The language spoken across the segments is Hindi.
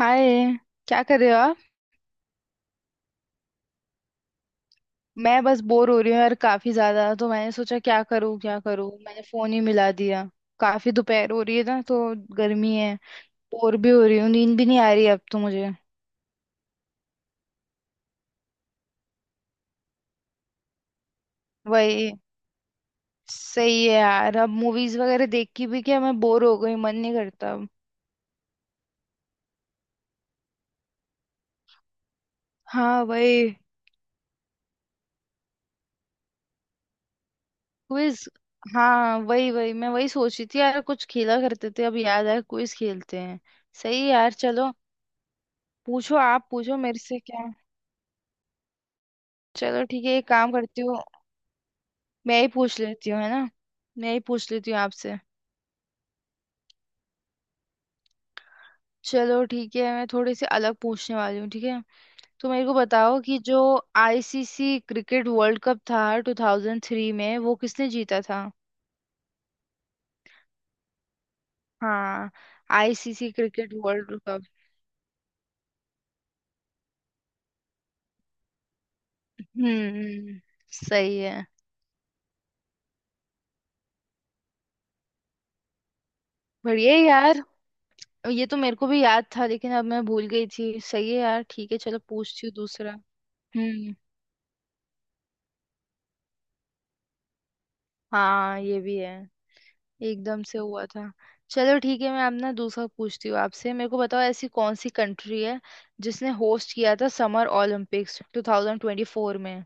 हाय। क्या कर रहे हो आप? मैं बस बोर हो रही हूँ यार काफी ज्यादा, तो मैंने सोचा क्या करूँ क्या करूँ, मैंने फोन ही मिला दिया। काफी दोपहर हो रही है ना, तो गर्मी है। बोर भी हो रही हूँ, नींद भी नहीं आ रही अब तो मुझे। वही। सही है यार, अब मूवीज वगैरह देख के भी क्या, मैं बोर हो गई, मन नहीं करता अब। हाँ वही। क्विज। हाँ वही वही, मैं वही सोच रही थी यार, कुछ खेला करते थे, अब याद आया, क्विज खेलते हैं। सही है यार, चलो। पूछो आप, पूछो मेरे से क्या। चलो ठीक है, एक काम करती हूँ। मैं ही पूछ लेती हूँ है ना। मैं ही पूछ लेती हूँ आपसे। चलो ठीक है, मैं थोड़ी सी अलग पूछने वाली हूँ, ठीक है। तो मेरे को बताओ कि जो आईसीसी क्रिकेट वर्ल्ड कप था 2003 में, वो किसने जीता था? हाँ, आईसीसी क्रिकेट वर्ल्ड कप। हम्म। सही है। बढ़िया है यार। ये तो मेरे को भी याद था लेकिन अब मैं भूल गई थी, सही है यार, ठीक है चलो पूछती हूँ दूसरा। हम्म। हाँ ये भी है। एकदम से हुआ था। चलो ठीक है, मैं अब ना दूसरा पूछती हूँ आपसे। मेरे को बताओ ऐसी कौन सी कंट्री है जिसने होस्ट किया था समर ओलंपिक्स 2024 में?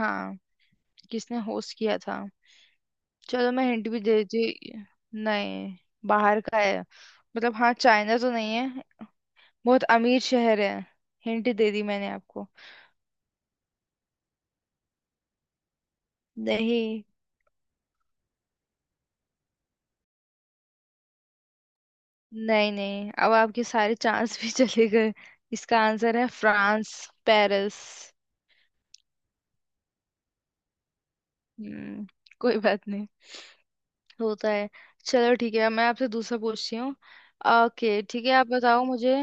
हाँ। किसने होस्ट किया था? चलो मैं हिंट भी दे देती। नहीं, बाहर का है मतलब, हाँ चाइना तो नहीं है। बहुत अमीर शहर है। हिंट दे दी मैंने आपको। नहीं। नहीं नहीं, अब आपके सारे चांस भी चले गए। इसका आंसर है फ्रांस। पेरिस। हम्म। कोई बात नहीं। होता है। चलो ठीक है, मैं आपसे दूसरा पूछती हूँ। ओके, ठीक है, आप बताओ मुझे।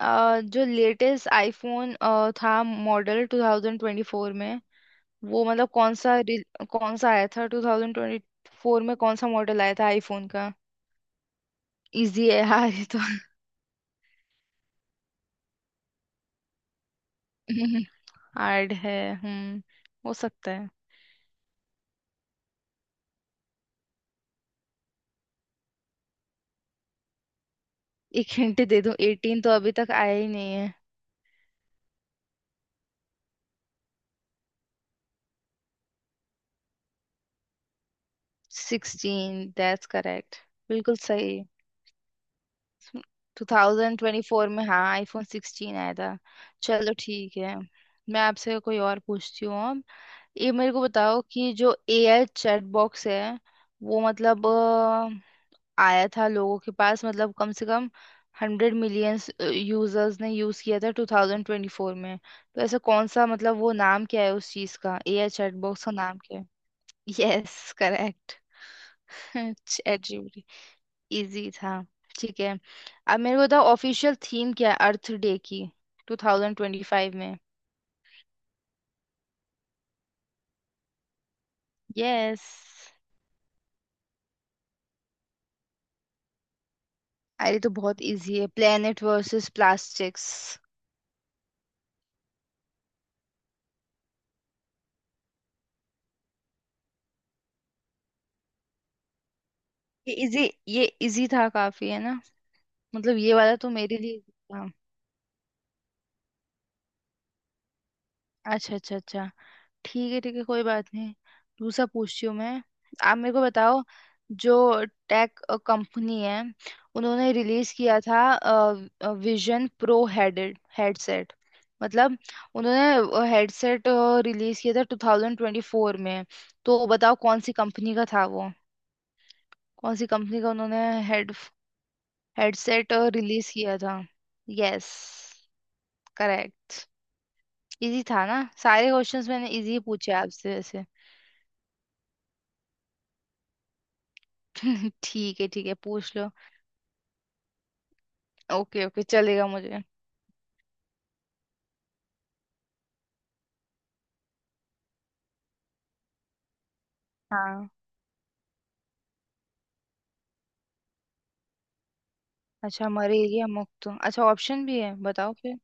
जो लेटेस्ट आईफोन था मॉडल 2024 में, वो मतलब कौन सा कौन सा आया था 2024 में, कौन सा मॉडल आया था आईफोन का? इजी है यार ये तो। हार्ड है। हम्म। हो सकता है। एक हिंट दे दूं, 18 तो अभी तक आया ही नहीं है। 16, दैट्स करेक्ट। बिल्कुल सही। 2024 में हाँ आईफोन 16 आया था। चलो ठीक है, मैं आपसे कोई और पूछती हूँ अब। ये मेरे को बताओ कि जो एआई चैट बॉक्स है वो, मतलब आया था लोगों के पास, मतलब कम से कम 100 मिलियंस यूजर्स ने यूज किया था 2024 में, तो ऐसा कौन सा, मतलब वो नाम क्या है उस चीज का, एआई चैट बॉक्स का नाम क्या है? Yes correct. चैट इजी था। ठीक है। अब मेरे को बताओ ऑफिशियल थीम क्या है अर्थ डे की 2025 में? यस। अरे तो बहुत इजी है, प्लेनेट वर्सेस प्लास्टिक्स। ये इजी। ये इजी था काफी है ना। मतलब ये वाला तो मेरे लिए easy था। अच्छा अच्छा अच्छा। ठीक है ठीक है, कोई बात नहीं। दूसरा पूछती हूँ मैं। आप मेरे को बताओ, जो टेक कंपनी है, उन्होंने रिलीज किया था विजन प्रो हेडेड हेडसेट, मतलब उन्होंने हेडसेट रिलीज किया था 2024 में, तो बताओ कौन सी कंपनी का था वो? कौन सी कंपनी का उन्होंने हेड हेडसेट रिलीज किया था? Yes correct. इजी था ना। सारे क्वेश्चंस मैंने इजी पूछे आपसे वैसे। ठीक है पूछ लो। ओके ओके चलेगा मुझे। हाँ। अच्छा मलेरिया मुक्त, अच्छा ऑप्शन भी है बताओ फिर।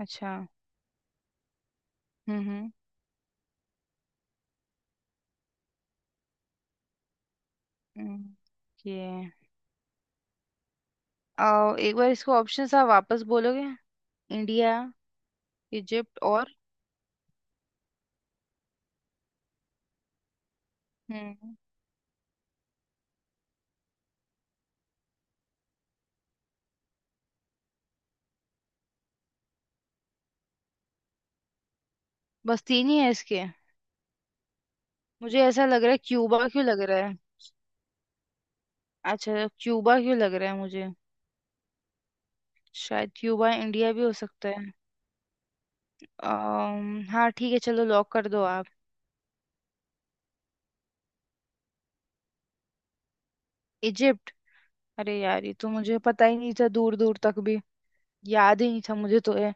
अच्छा। हम्म। हम्म, ये। आओ एक बार इसको ऑप्शन आप वापस बोलोगे। इंडिया, इजिप्ट और। हम्म। बस तीन ही है इसके। मुझे ऐसा लग रहा है क्यूबा, क्यों लग रहा है। अच्छा क्यूबा क्यों लग रहा है मुझे। शायद क्यूबा, इंडिया भी हो सकता है। हाँ ठीक है, चलो लॉक कर दो आप। इजिप्ट। अरे यार ये तो मुझे पता ही नहीं था दूर दूर तक भी। याद ही नहीं था मुझे तो ये।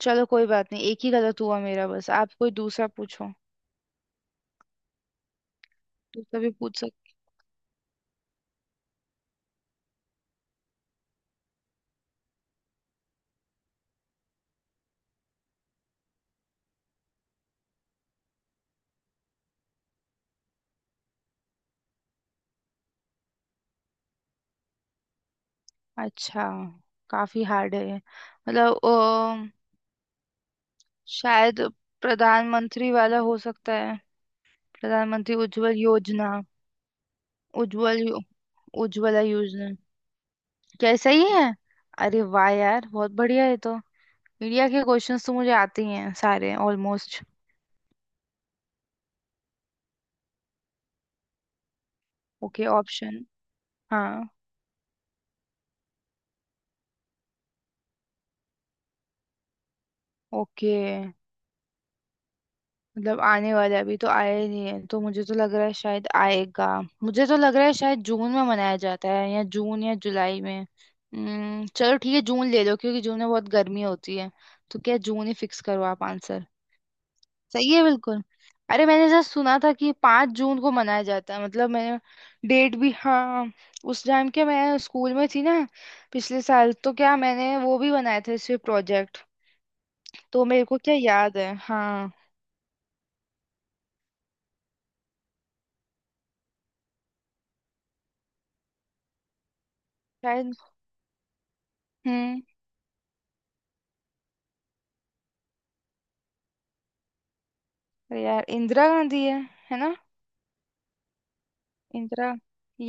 चलो कोई बात नहीं, एक ही गलत हुआ मेरा बस, आप कोई दूसरा पूछो। दूसरा भी पूछ सक। अच्छा। काफी हार्ड है ये। मतलब शायद प्रधानमंत्री वाला हो सकता है। प्रधानमंत्री उज्जवल योजना। उज्जवल यो, उज्ज्वला योजना। क्या सही है? अरे वाह यार बहुत बढ़िया है, तो इंडिया के क्वेश्चंस तो मुझे आते ही हैं सारे ऑलमोस्ट। Okay option. हाँ। ओके। मतलब आने वाला है, अभी तो आया नहीं है, तो मुझे तो लग रहा है शायद आएगा। मुझे तो लग रहा है शायद जून में मनाया जाता है, या जून या जुलाई में। चलो ठीक है जून ले लो, क्योंकि जून में बहुत गर्मी होती है, तो क्या जून ही फिक्स करो आप आंसर। सही है बिल्कुल। अरे मैंने जस्ट सुना था कि 5 जून को मनाया जाता है, मतलब मैंने डेट भी हाँ। उस टाइम के मैं स्कूल में थी ना, पिछले साल, तो क्या मैंने वो भी बनाया था इस पे प्रोजेक्ट। तो मेरे को क्या याद है हाँ। शायद। हम्म। अरे यार इंदिरा गांधी है ना। इंदिरा।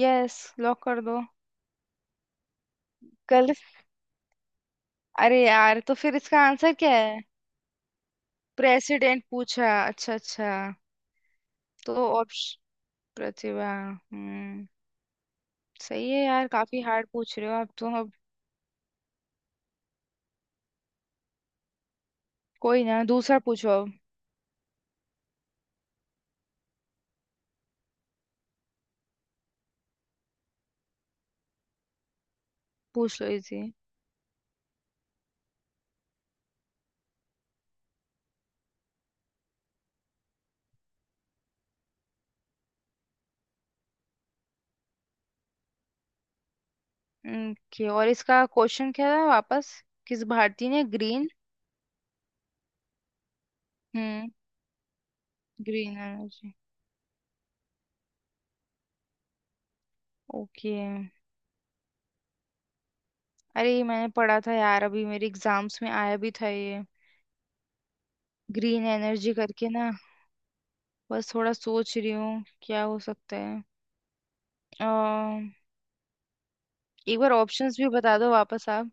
यस। लॉक कर दो। गलत। अरे यार तो फिर इसका आंसर क्या है? प्रेसिडेंट पूछा, अच्छा अच्छा। तो ऑप्शन। प्रतिभा हम्म। सही है यार, काफी हार्ड पूछ रहे हो आप तो अब। कोई ना, दूसरा पूछो अब। पूछ लो इजी। ओके और इसका क्वेश्चन क्या था वापस? किस भारतीय ने ग्रीन। हम्म। Green energy. ओके। अरे ये मैंने पढ़ा था यार, अभी मेरे एग्जाम्स में आया भी था ये। ग्रीन एनर्जी करके ना। बस थोड़ा सोच रही हूँ क्या हो सकता है। अ, एक बार ऑप्शंस भी बता दो वापस आप।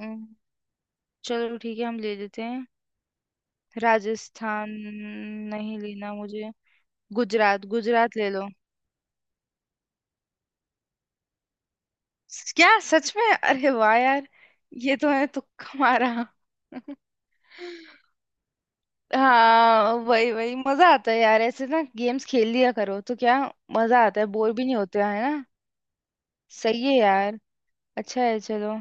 अम्म, चलो ठीक है हम ले लेते हैं। राजस्थान। नहीं लेना मुझे। गुजरात, गुजरात ले लो। क्या सच में? अरे वाह यार। ये तो है तुक्का मारा। हाँ वही वही मजा आता है यार ऐसे ना, गेम्स खेल लिया करो तो क्या। मजा आता है, बोर भी नहीं होते है ना। सही है यार। अच्छा है चलो।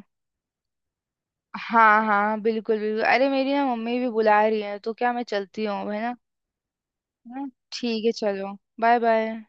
हाँ हाँ बिल्कुल बिल्कुल, अरे मेरी ना मम्मी भी बुला रही है, तो क्या मैं चलती हूँ है ना। हाँ, ठीक है चलो। Bye bye.